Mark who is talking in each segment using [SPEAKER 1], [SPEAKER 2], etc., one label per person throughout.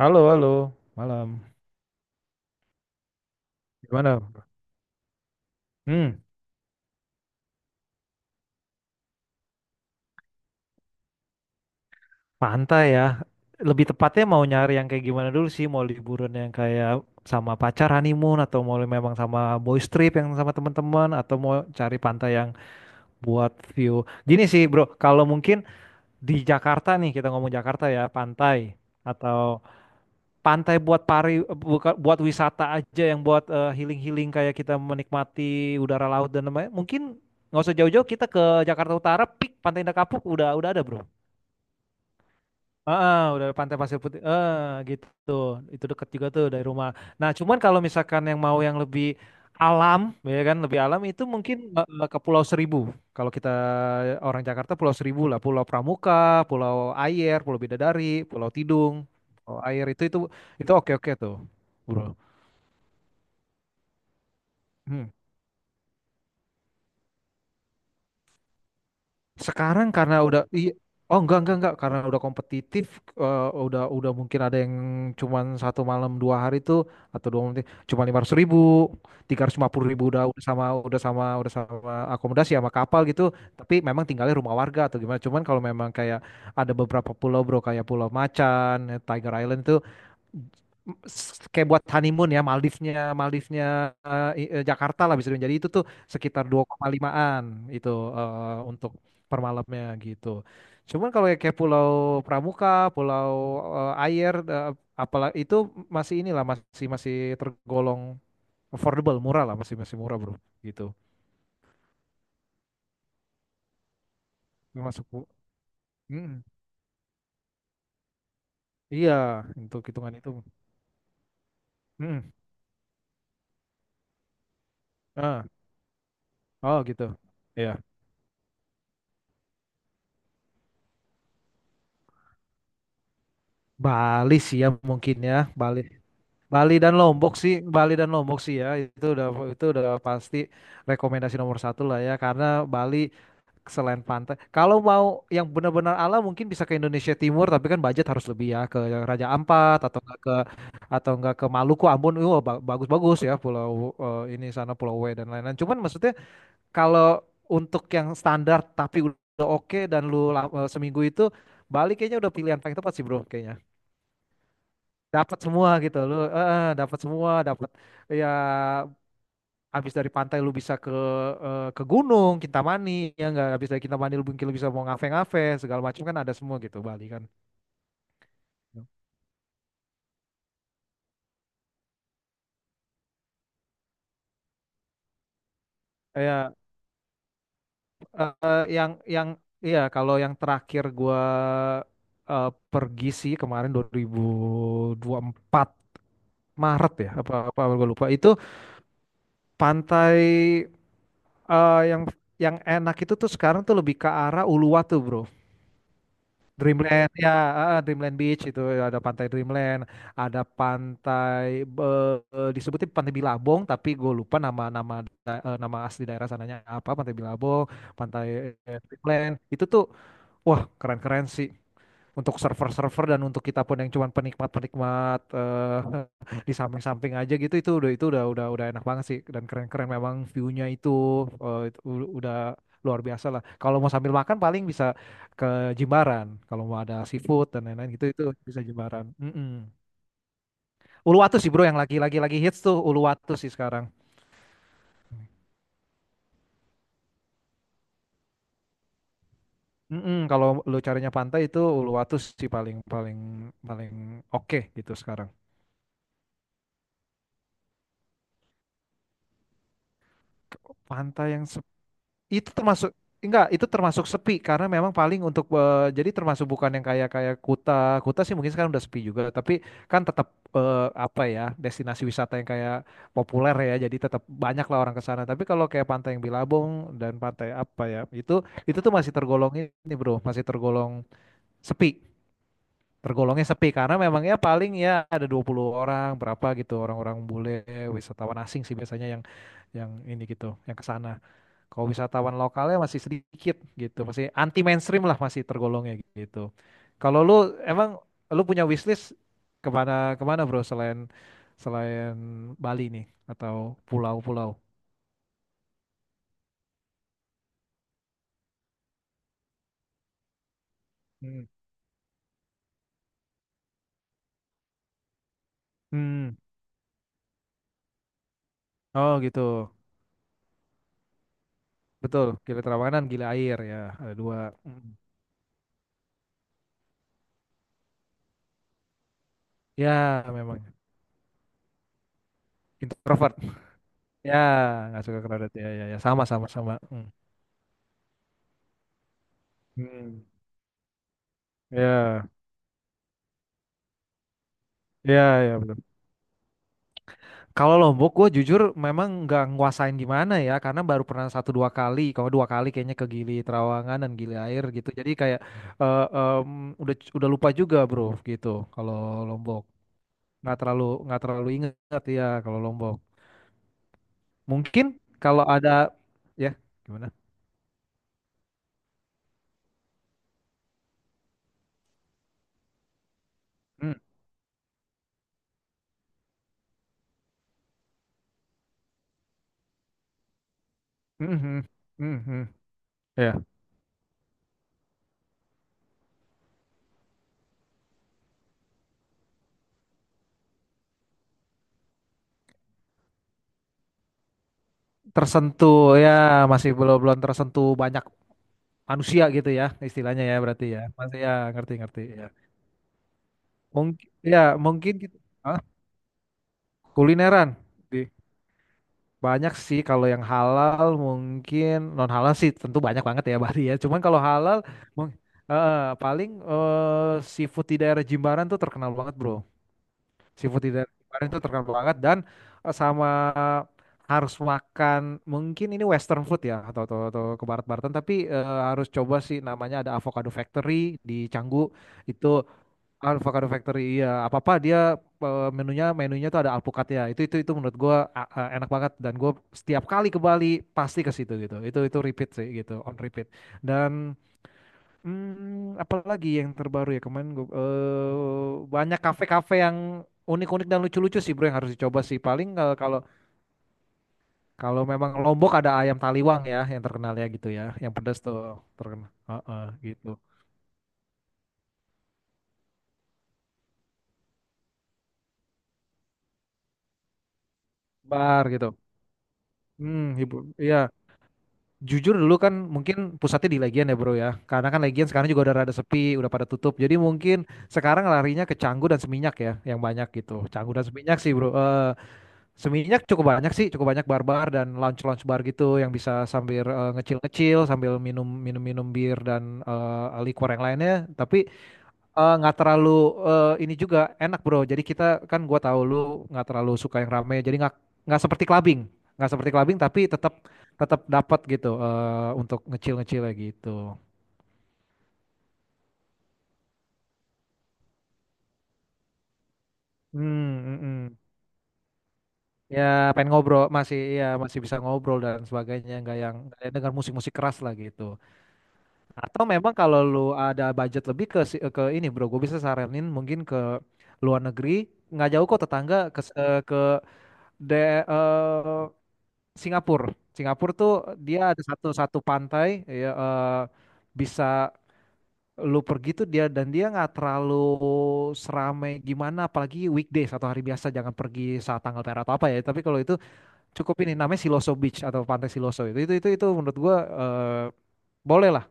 [SPEAKER 1] Halo, halo, malam. Gimana? Hmm, Pantai ya. Lebih tepatnya mau nyari yang kayak gimana dulu sih? Mau liburan yang kayak sama pacar honeymoon atau mau memang sama boys trip yang sama teman-teman atau mau cari pantai yang buat view. Gini sih, Bro, kalau mungkin di Jakarta nih, kita ngomong Jakarta ya, pantai atau pantai buat pari buka, buat wisata aja yang buat healing-healing kayak kita menikmati udara laut dan lain-lain. Mungkin nggak usah jauh-jauh kita ke Jakarta Utara, pik Pantai Indah Kapuk udah ada, Bro. Ah udah Pantai Pasir Putih. Gitu. Itu deket juga tuh dari rumah. Nah, cuman kalau misalkan yang mau yang lebih alam, ya kan, lebih alam itu mungkin ke Pulau Seribu. Kalau kita orang Jakarta Pulau Seribu lah, Pulau Pramuka, Pulau Ayer, Pulau Bidadari, Pulau Tidung, Pulau Ayer itu oke oke tuh, bro. Hmm. Sekarang karena udah iya, oh enggak karena udah kompetitif, udah mungkin ada yang cuman 1 malam 2 hari tuh atau 2 malam tuh cuma 500.000 350.000 udah, udah sama akomodasi sama kapal gitu tapi memang tinggalnya rumah warga atau gimana cuman kalau memang kayak ada beberapa pulau bro kayak Pulau Macan Tiger Island itu kayak buat honeymoon ya Maldivnya, Maldivnya Jakarta lah bisa dibilang. Jadi itu tuh sekitar 2,5an itu untuk per malamnya gitu. Cuman kalau yang kayak Pulau Pramuka, Pulau Air, apalah itu masih inilah masih masih tergolong affordable, murah lah masih masih murah bro gitu. Masuk. Mm, iya untuk hitungan itu. Mm, ah, oh gitu. Iya. Bali sih ya mungkin ya, Bali Bali dan Lombok sih, Bali dan Lombok sih ya, itu udah pasti rekomendasi nomor satu lah ya, karena Bali selain pantai, kalau mau yang benar-benar alam mungkin bisa ke Indonesia Timur, tapi kan budget harus lebih ya ke Raja Ampat atau enggak ke Maluku, Ambon, wah ba- bagus-bagus ya pulau ini sana Pulau W dan lain-lain. Cuman maksudnya kalau untuk yang standar tapi udah oke dan lu seminggu itu Bali kayaknya udah pilihan paling tepat sih bro, kayaknya dapat semua gitu lu, dapat semua dapat. Ya habis dari pantai lu bisa ke gunung Kintamani ya nggak habis dari Kintamani lu mungkin lu bisa mau ngave-ngave segala macam kan ada semua gitu Bali kan. Ya, yang iya kalau yang terakhir gua pergi sih kemarin 2024 Maret ya apa apa gua lupa itu pantai eh, yang yang enak itu tuh sekarang tuh lebih ke arah Uluwatu bro. Dreamland ya, Dreamland Beach itu ada pantai Dreamland ada pantai disebutin pantai Bilabong tapi gue lupa nama, nama asli daerah sananya apa pantai Bilabong pantai, Dreamland itu tuh wah keren-keren sih untuk server-server dan untuk kita pun yang cuman penikmat-penikmat, di samping-samping aja gitu itu udah itu udah enak banget sih dan keren-keren memang view-nya itu, itu udah luar biasa lah. Kalau mau sambil makan paling bisa ke Jimbaran. Kalau mau ada seafood dan lain-lain gitu itu bisa Jimbaran. Mm-mm. Uluwatu sih bro yang lagi-lagi, lagi hits tuh Uluwatu sih sekarang. Mm-mm, kalau lu carinya pantai itu Uluwatu sih paling paling paling oke gitu sekarang. Pantai yang itu termasuk enggak, itu termasuk sepi karena memang paling untuk jadi termasuk bukan yang kayak kayak Kuta Kuta sih mungkin sekarang udah sepi juga tapi kan tetap, apa ya, destinasi wisata yang kayak populer ya jadi tetap banyak lah orang ke sana tapi kalau kayak pantai yang Bilabong dan pantai apa ya itu tuh masih tergolong ini bro, masih tergolong sepi, tergolongnya sepi karena memang ya paling ya ada 20 orang berapa gitu, orang-orang bule wisatawan asing sih biasanya yang ini gitu yang ke sana kalau wisatawan lokalnya masih sedikit gitu, masih anti mainstream lah masih tergolongnya gitu. Kalau lu emang lu punya wishlist kemana kemana bro selain selain Bali nih atau pulau-pulau? Hmm. Hmm. Oh gitu, betul. Gila Trawangan, gila air ya, ada dua. Mm. Ya memang introvert. Ya nggak suka crowded ya ya ya sama sama sama. Hmm. Hmm. Ya ya ya betul. Kalau Lombok, gue jujur memang nggak nguasain gimana ya, karena baru pernah satu dua kali, kalau dua kali kayaknya ke Gili Trawangan dan Gili Air gitu. Jadi kayak, eh, em, udah lupa juga bro gitu. Kalau Lombok nggak terlalu ingat ya kalau Lombok. Mungkin kalau ada, ya gimana? Hmm, hmm, hmm, hmm, hmm. Ya tersentuh ya, masih belum belum tersentuh banyak manusia gitu ya istilahnya ya berarti ya masih ya ngerti ngerti ya. Mungkin ya, mungkin gitu. Kulineran di banyak sih kalau yang halal, mungkin non halal sih tentu banyak banget ya Bari ya. Cuman kalau halal mung- eh, paling, seafood di daerah Jimbaran tuh terkenal banget bro. Seafood di daerah Jimbaran tuh terkenal banget dan sama harus makan mungkin ini Western food ya atau ke barat-baratan tapi harus coba sih namanya ada Avocado Factory di Canggu itu Avocado Factory iya apa apa dia menunya menunya tuh ada alpukatnya itu menurut gua enak banget dan gua setiap kali ke Bali pasti ke situ gitu itu repeat sih gitu on repeat dan, hmm, apalagi yang terbaru ya kemarin gua banyak kafe-kafe yang unik-unik dan lucu-lucu sih bro yang harus dicoba sih paling, kalau kalau memang Lombok ada ayam taliwang ya yang terkenal ya gitu ya yang pedas tuh terkenal. Heeh, gitu, bar gitu, ibu iya. Jujur dulu kan mungkin pusatnya di Legian ya bro ya. Karena kan Legian sekarang juga udah rada sepi, udah pada tutup. Jadi mungkin sekarang larinya ke Canggu dan Seminyak ya, yang banyak gitu. Canggu dan Seminyak sih bro. Seminyak cukup banyak sih, cukup banyak bar-bar dan lounge-lounge bar gitu yang bisa sambil, ngecil-ngecil, sambil minum-minum bir dan liquor yang lainnya. Tapi, nggak terlalu, ini juga enak bro. Jadi kita kan gua tahu lu nggak terlalu suka yang rame. Jadi nggak seperti clubbing, nggak seperti clubbing tapi tetap tetap dapat gitu, untuk ngecil-ngecil ya gitu. Hmm, mm, mm. Ya pengen ngobrol masih ya masih bisa ngobrol dan sebagainya, nggak yang dengar musik-musik keras lah gitu. Atau memang kalau lu ada budget lebih ke, ini bro, gue bisa saranin mungkin ke luar negeri nggak jauh kok tetangga ke de, eh, Singapura. Singapura tuh dia ada satu satu pantai ya, bisa lu pergi tuh dia dan dia nggak terlalu serame gimana apalagi weekdays atau hari biasa jangan pergi saat tanggal merah atau apa ya. Tapi kalau itu cukup ini namanya Siloso Beach atau Pantai Siloso itu menurut gua, boleh lah.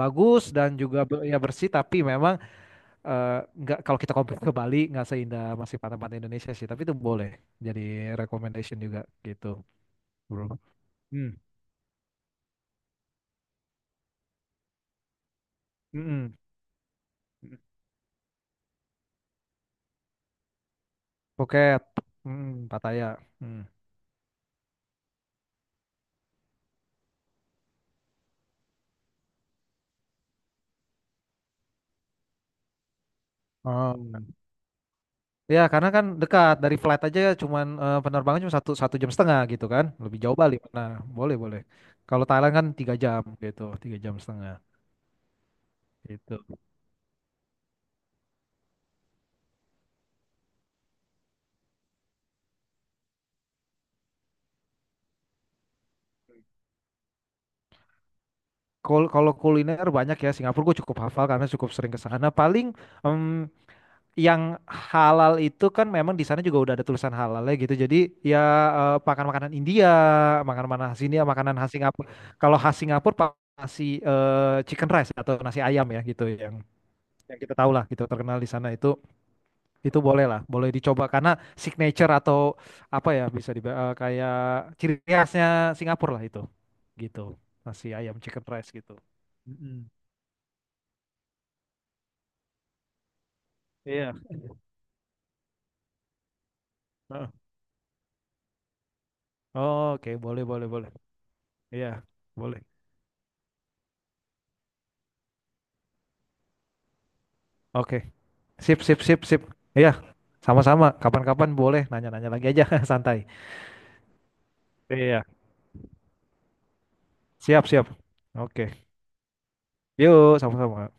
[SPEAKER 1] Bagus dan juga be- ya bersih tapi memang, eh, nggak, kalau kita compare ke Bali nggak seindah, masih pantai-pantai Indonesia sih tapi itu boleh jadi recommendation juga gitu bro. Hmm. Mm-mm. Phuket, Pattaya. Hmm. Oh. Ya karena kan dekat dari flight aja ya, cuman penerbangan cuma satu satu jam setengah gitu kan, lebih jauh Bali. Nah boleh boleh. Kalau Thailand kan 3 jam gitu, 3 jam setengah gitu. Kul- Kalau kuliner banyak ya Singapura gue cukup hafal karena cukup sering ke sana. Paling, mmm, yang halal itu kan memang di sana juga udah ada tulisan halalnya gitu. Jadi ya, makan makanan India, makan makanan mana sini, makanan khas Singapura. Kalau khas Singapura pa- nasi, chicken rice atau nasi ayam ya gitu yang kita tahu lah gitu terkenal di sana itu boleh lah, boleh dicoba karena signature atau apa ya bisa di kayak ciri khasnya Singapura lah itu. Gitu. Nasi ayam chicken rice gitu. Mm-mm. Iya. Heeh. Oh, Oke, boleh boleh boleh. Iya, boleh. Oke. Sip, sip, sip, sip. Iya, sama-sama. Kapan-kapan boleh nanya-nanya lagi aja, santai. Iya, siap, siap. Oke, yuk, sama-sama.